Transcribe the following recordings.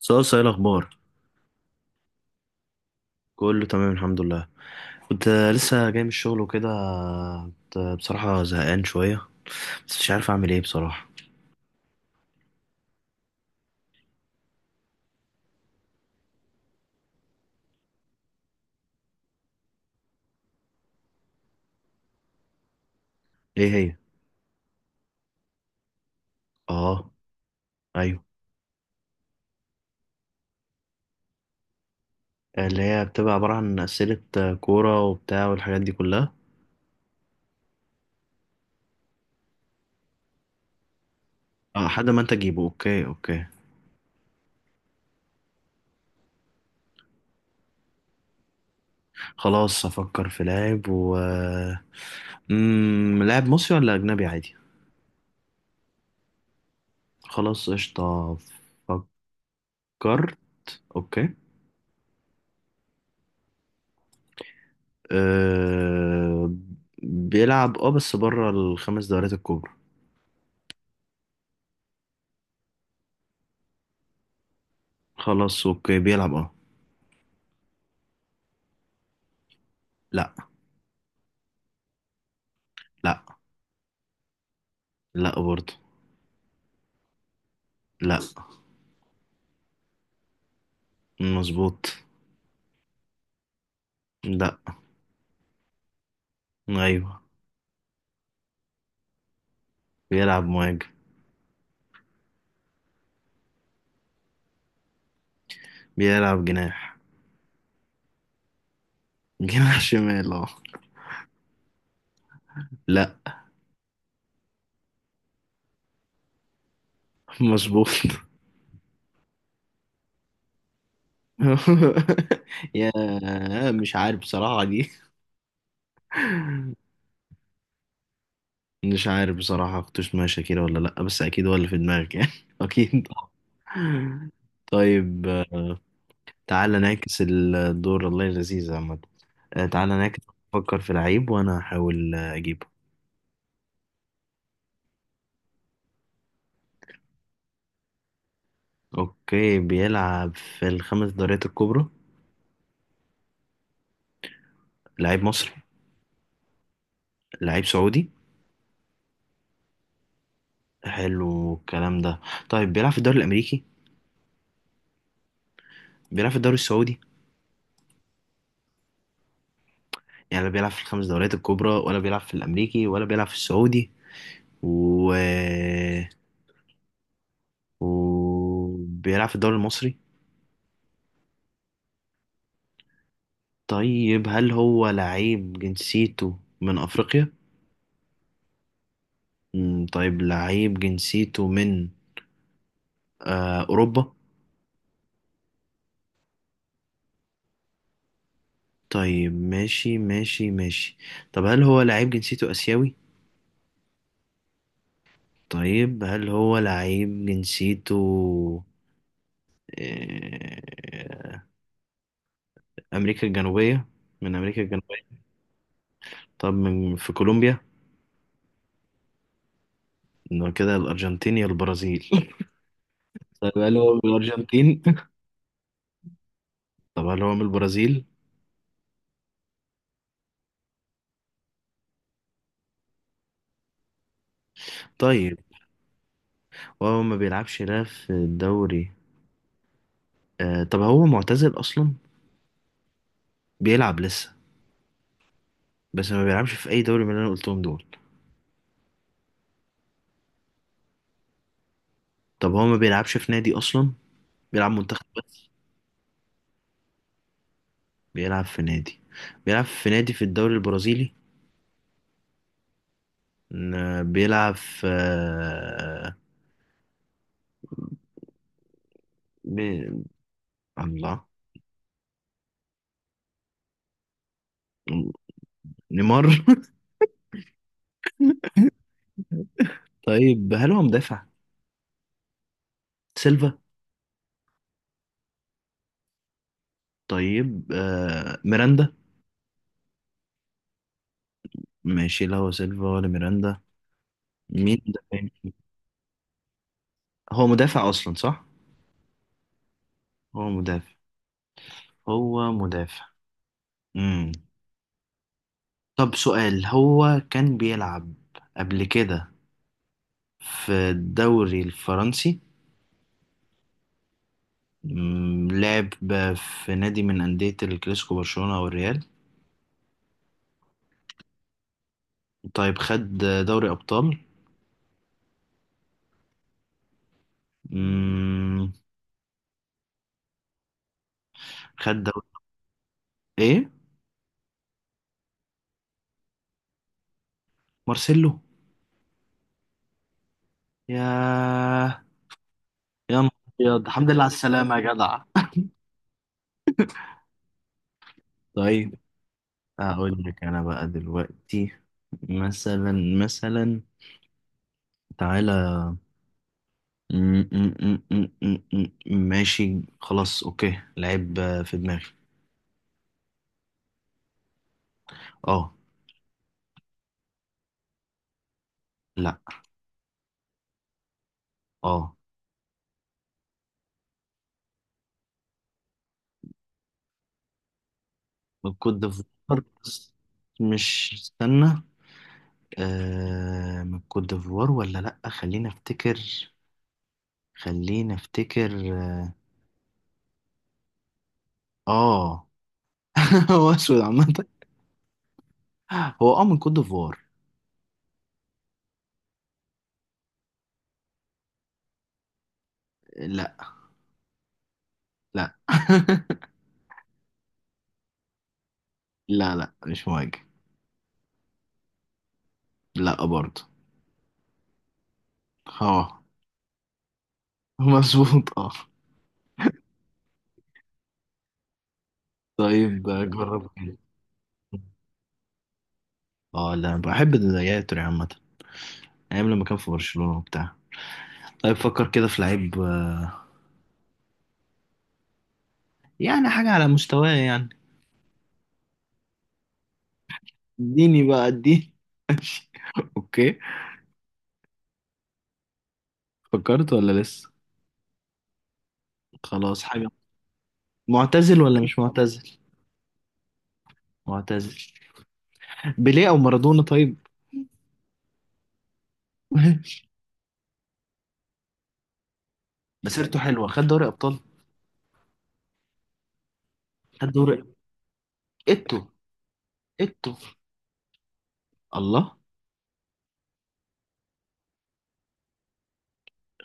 صوصة، ايه الاخبار؟ كله تمام، الحمد لله. كنت لسه جاي من الشغل وكده. كنت بصراحة زهقان شوية. بس مش عارف اعمل ايه بصراحة. ايه هي؟ اه. ايوه. اللي هي بتبقى عبارة عن اسئلة كورة وبتاع والحاجات دي كلها. اه، لحد ما انت تجيبه. اوكي، اوكي. خلاص، افكر في لاعب و لاعب مصري ولا اجنبي عادي؟ خلاص، قشطة. فكرت. اوكي. أه... بيلعب، بس بره الخمس دوريات الكبرى. خلاص، اوكي، بيلعب، اه. لا. لا. لا برضه. لا. مظبوط. لا. ايوه. بيلعب مهاجم. بيلعب جناح. جناح شمال، اه. لا. مظبوط. يا مش عارف بصراحة دي. مش عارف بصراحة، كنت اسمها شاكيرا ولا لأ، بس أكيد هو اللي في دماغك يعني، أكيد طبعا. طيب. تعالى نعكس الدور، الله لذيذ عامة. تعالى نعكس. فكر في لعيب وأنا هحاول أجيبه. اوكي، بيلعب في الخمس دوريات الكبرى؟ لعيب مصري؟ لعيب سعودي؟ حلو الكلام ده. طيب، بيلعب في الدوري الامريكي؟ بيلعب في الدوري السعودي؟ يعني لا بيلعب في الخمس دوريات الكبرى، ولا بيلعب في الامريكي، ولا بيلعب في السعودي، و وبيلعب في الدوري المصري؟ طيب، هل هو لعيب جنسيته من افريقيا؟ طيب، لعيب جنسيته من اوروبا؟ طيب، ماشي ماشي ماشي. طب، هل هو لعيب جنسيته اسيوي؟ طيب، هل هو لعيب جنسيته آه، أمريكا الجنوبية؟ من أمريكا الجنوبية. طب، من في كولومبيا؟ إنه كده الأرجنتين يا البرازيل. طب، هل هو من الأرجنتين؟ طب، هل هو من البرازيل؟ طيب. وهو ما بيلعبش لا في الدوري. طب، هو معتزل أصلا؟ بيلعب لسه؟ بس ما بيلعبش في أي دوري من اللي أنا قلتهم دول؟ طب، هو ما بيلعبش في نادي أصلا؟ بيلعب منتخب بس؟ بيلعب في نادي. بيلعب في نادي في الدوري البرازيلي؟ بيلعب في بي... الله. نيمار. طيب، هل هو مدافع؟ سيلفا؟ طيب، ميراندا؟ ماشي، لا هو سيلفا ولا ميراندا. مين ده تاني؟ هو مدافع اصلا، صح؟ هو مدافع. هو مدافع. امم طب سؤال: هو كان بيلعب قبل كده في الدوري الفرنسي؟ لعب في نادي من أندية الكلاسيكو، برشلونة أو الريال؟ طيب، خد دوري أبطال؟ امم خد دوري. ايه؟ مارسيلو. يا يا نهار ابيض، الحمد لله على السلامة يا جدع. طيب. اقول لك انا بقى دلوقتي، مثلا، مثلا، تعالى. م- م- م- م- م- ماشي، خلاص، اوكي، لعيب في دماغي. اه. لا. اه. من كوت ديفوار بس. مش، استنى. من كوت ديفوار ولا لا، خلينا افتكر. خلينا افتكر، اه. آه. هو اسود عامة. هو من كوت ديفوار. لا. لا. لا لا، مش مواجه. لا برضه. اه. مظبوط، اه. طيب، جرب كده. اه، لا، بحب الجياتوري عامة. ايام لما كان في برشلونة وبتاع. طيب، فكر كده في لعيب. يعني حاجة على مستواه، يعني. اديني بقى، اديني. اوكي. فكرت ولا لسه؟ خلاص، حاجة؟ معتزل ولا مش معتزل؟ معتزل. بيليه او مارادونا؟ طيب. مسيرته حلوة، خد دوري ابطال؟ خد دوري. اتو؟ اتو! الله.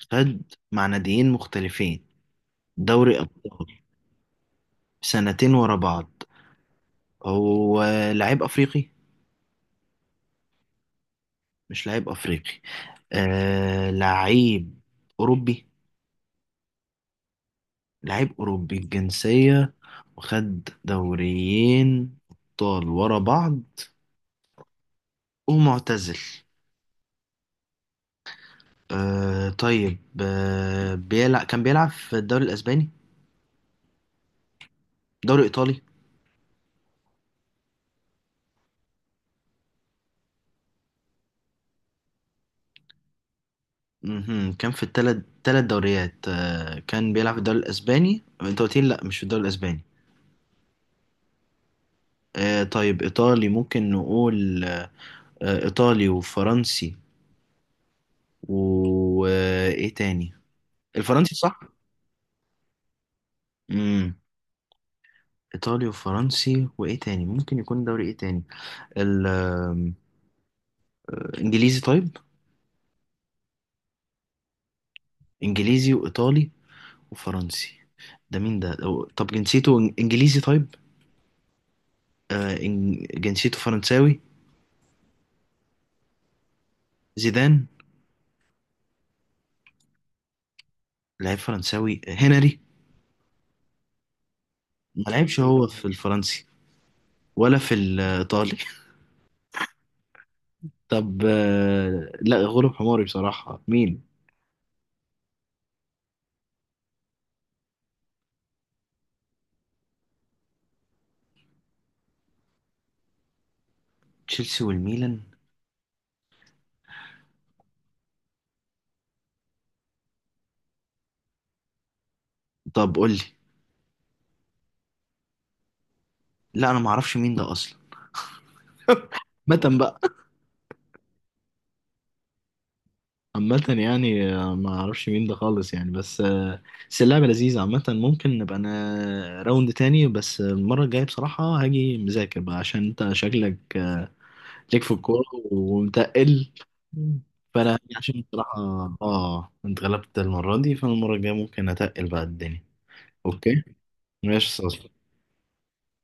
خد. مع ناديين مختلفين. دوري ابطال. سنتين ورا بعض. هو لعيب افريقي؟ مش لعيب افريقي. آه، لعيب اوروبي؟ لعيب اوروبي الجنسية. وخد دوريين ابطال ورا بعض. ومعتزل. طيب، كان بيلعب في الدوري الاسباني؟ دوري ايطالي؟ مهم. كان في التلت تلت دوريات. كان بيلعب في الدوري الاسباني، انت قلت لي لا، مش في الدوري الاسباني. طيب، ايطالي ممكن نقول. ايطالي وفرنسي. وايه تاني؟ الفرنسي، صح؟ امم ايطالي وفرنسي، وايه تاني ممكن يكون دوري ايه تاني؟ ال- آم، انجليزي، طيب؟ انجليزي وايطالي وفرنسي. ده مين ده طب، جنسيته انجليزي، طيب؟ جنسيته فرنساوي؟ زيدان؟ لعيب فرنساوي، هنري؟ ما لعبش هو في الفرنسي ولا في الإيطالي؟ طب، لا، غلب حماري بصراحة، مين؟ تشيلسي والميلان؟ طب قول لي. لا، انا ما اعرفش مين ده اصلا. عامة بقى. عامة يعني، ما اعرفش مين ده خالص، يعني. بس اللعبة لذيذة عامة. ممكن نبقى انا راوند تاني، بس المرة الجاية بصراحة هاجي مذاكر بقى، عشان انت شكلك ليك في الكورة ومتقل. فانا يعني عشان بصراحة، اه، انت غلبت المرة دي، فالمرة الجاية ممكن اتقل بقى الدنيا. اوكي، ماشي.